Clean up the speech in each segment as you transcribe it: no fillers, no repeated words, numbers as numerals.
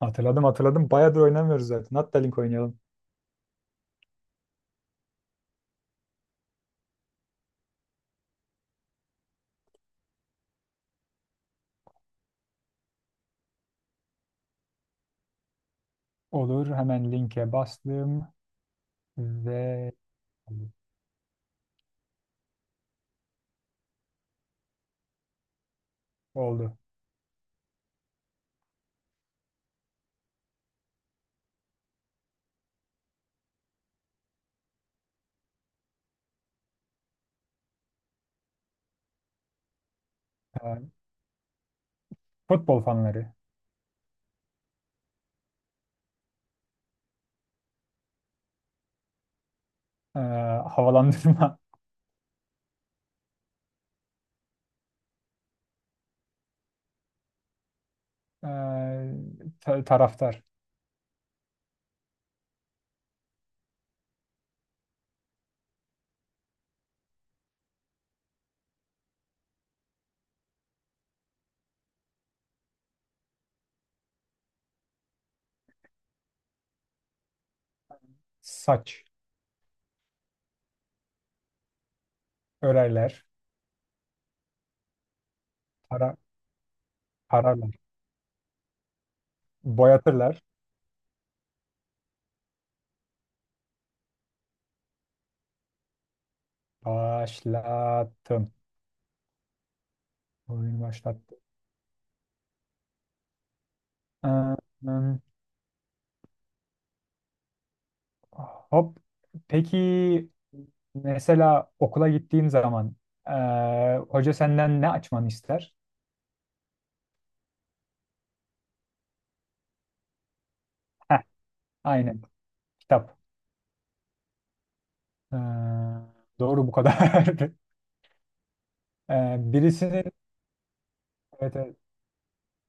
Hatırladım hatırladım. Bayağıdır oynamıyoruz zaten. Hatta Link oynayalım. Olur. Hemen linke bastım ve oldu. Ee, Futbol fanları. Ee, Havalandırma. Ee, Taraftar. Saç. Örerler. Para Pararlar. Boyatırlar. Başlattım. Oyunu başlattım. Ee, hmm, Hop. Peki mesela okula gittiğim zaman hoca senden ne açmanı ister? Heh, aynen. Kitap. Ee, doğru bu kadar. Birisinin Evet, evet.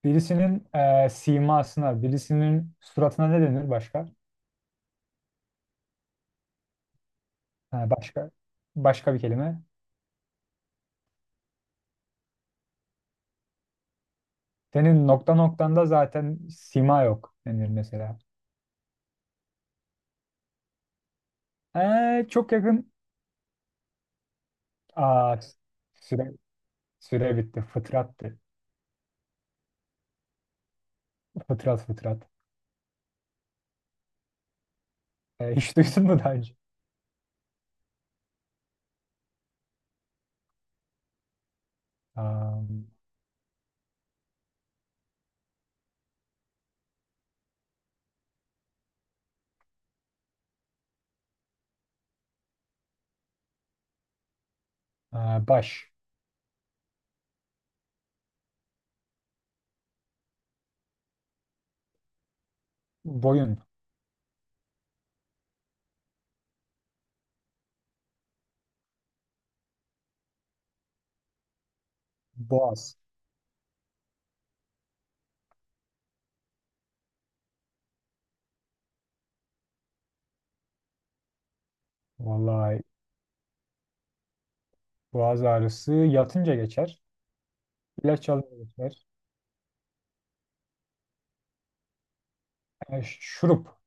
birisinin e, simasına, birisinin suratına ne denir başka? Ha, başka bir kelime. Senin nokta noktanda zaten sima yok denir mesela. Çok yakın. Aa, süre Süre bitti. Fıtrattı. Fıtrat fıtrat. Hiç duydun mu daha önce? Aa, baş, boyun, boğaz. Vallahi boğaz ağrısı yatınca geçer. İlaç alıyorlar. E, şurup,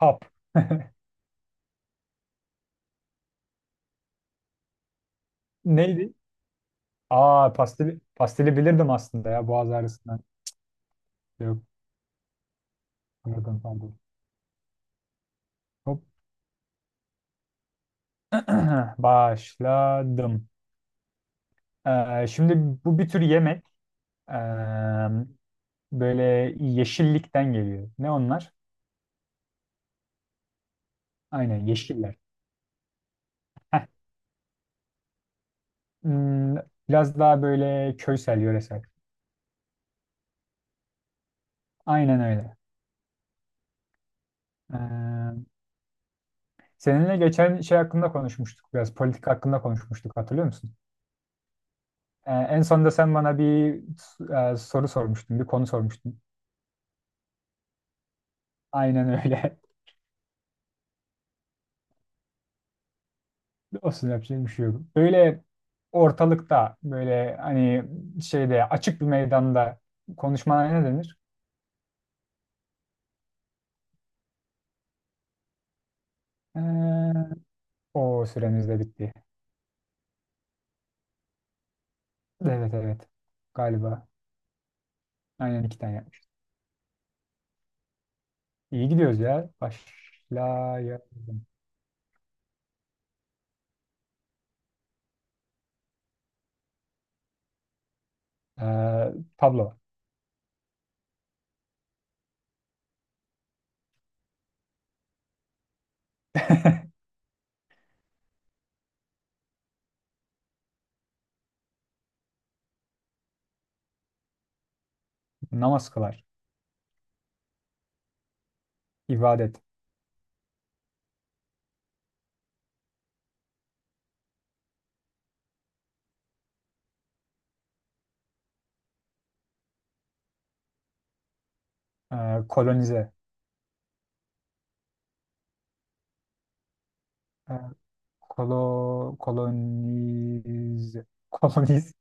hap. Neydi? Aa pastili, pastili bilirdim aslında ya boğaz ağrısından. Yok, anladım pardon. Hop. Başladım. Şimdi bu bir tür yemek. Ee, böyle yeşillikten geliyor. Ne onlar? Aynen yeşiller. Hmm, biraz daha böyle köysel, yöresel. Aynen öyle. Ee, seninle geçen şey hakkında konuşmuştuk biraz. Politik hakkında konuşmuştuk hatırlıyor musun? En sonunda sen bana bir soru sormuştun, bir konu sormuştun. Aynen öyle. Olsun yapacak bir şey yok. Böyle ortalıkta, böyle hani şeyde açık bir meydanda konuşmana ne denir? Ee, o süremiz de bitti. Evet evet. Galiba. Aynen iki tane yapmış. İyi gidiyoruz ya. Başlayalım. Ee, tablo. Namaz kılar. İbadet. Ee, kolonize. Ee, Kolo, koloniz, koloniz,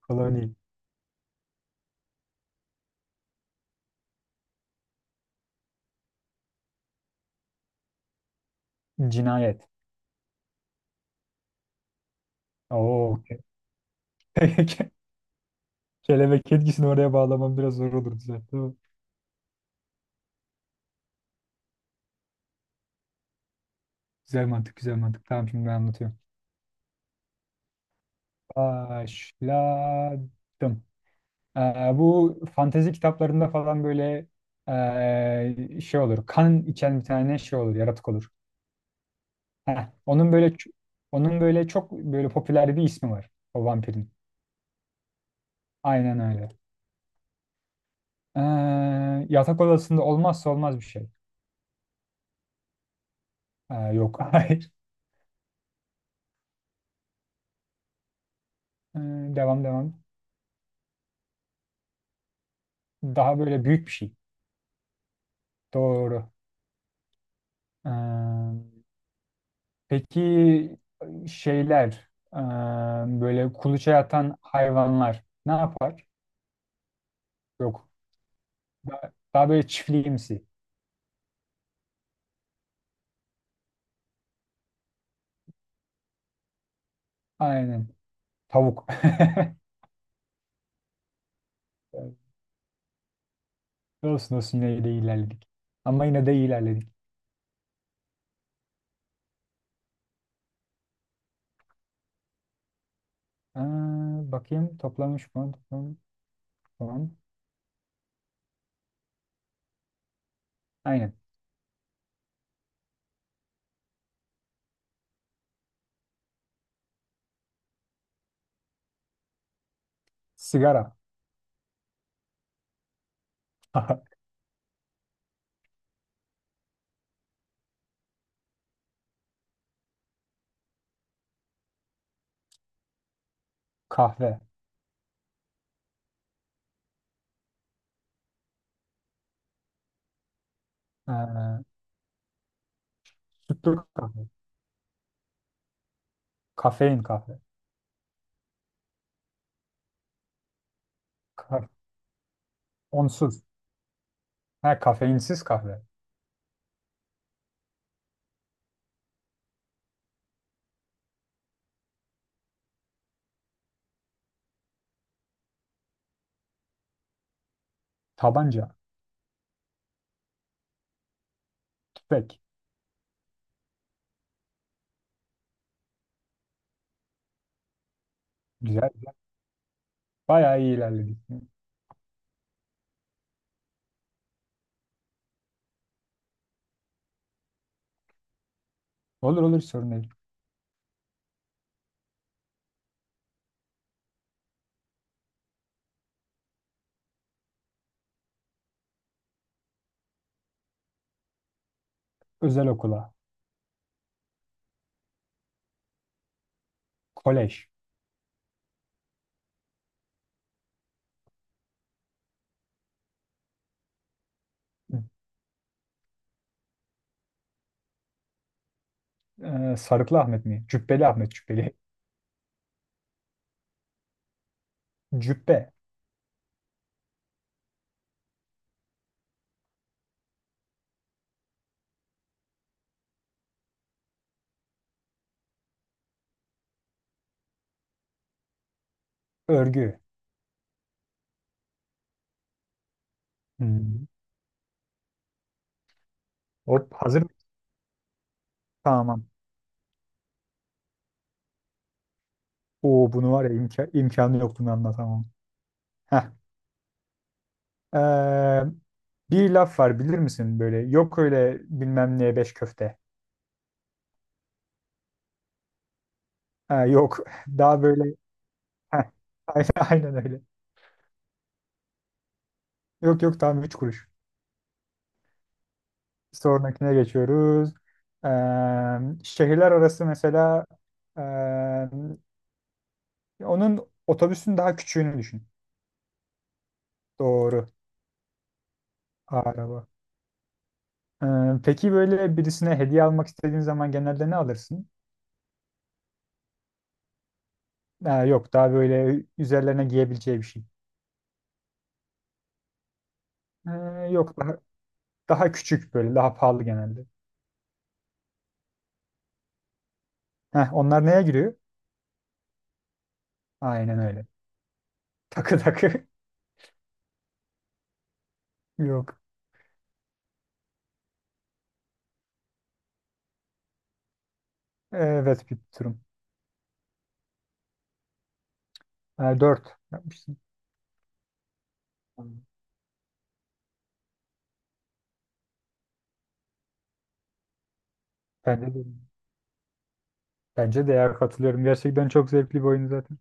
Koloni, cinayet. Oo. Kelebek etkisini oraya bağlamam biraz zor olur güzel. Tamam. Güzel mantık, güzel mantık. Tamam şimdi ben anlatıyorum. Başladım. Bu fantezi kitaplarında falan böyle şey olur. Kan içen bir tane şey olur, yaratık olur. Heh, onun böyle çok böyle popüler bir ismi var o vampirin. Aynen öyle. Ee, yatak odasında olmazsa olmaz bir şey. Yok, hayır. Ee, Devam devam. Daha böyle büyük bir şey. Doğru. Ee, peki şeyler, ee, böyle kuluça yatan hayvanlar ne yapar? Yok. Daha, daha böyle çiftliğimsi. Aynen. Tavuk. Olsun olsun yine de ilerledik. Ama yine de ilerledik. Ee, bakayım toplamış mı? Toplamış. Tamam. Aynen. Sigara. Kahve. Ee, Sütlü kahve. Kafein kahve. Ka- Onsuz. Ha, kafeinsiz kahve. Tabanca. Tüfek. Güzel, güzel. Bayağı iyi ilerledik. Olur olur sorun değil. Özel okula. Kolej. Sarıklı Ahmet mi? Cübbeli Ahmet Cübbeli. Cübbe. Örgü. Hmm. Or hazır mı? Tamam. Oo, bunu var ya imka- imkanı yok bunu anlatamam. Heh. Ee, bir laf var bilir misin böyle? Yok öyle bilmem neye beş köfte. Ha, yok. Daha böyle. Heh. Aynen, aynen öyle. Yok yok tam 3 kuruş. Sonrakine geçiyoruz. Ee, şehirler arası mesela ee, onun otobüsün daha küçüğünü düşün. Doğru. Araba. Ee, peki böyle birisine hediye almak istediğin zaman genelde ne alırsın? Yok daha böyle üzerlerine giyebileceği bir şey. Ee, Yok daha, daha küçük böyle daha pahalı genelde. Heh, onlar neye giriyor? Aynen öyle. Takı takı. Yok. Evet bir durum. 4 yapmışsın. Bence Bence de ya katılıyorum. Gerçekten çok zevkli bir oyun zaten.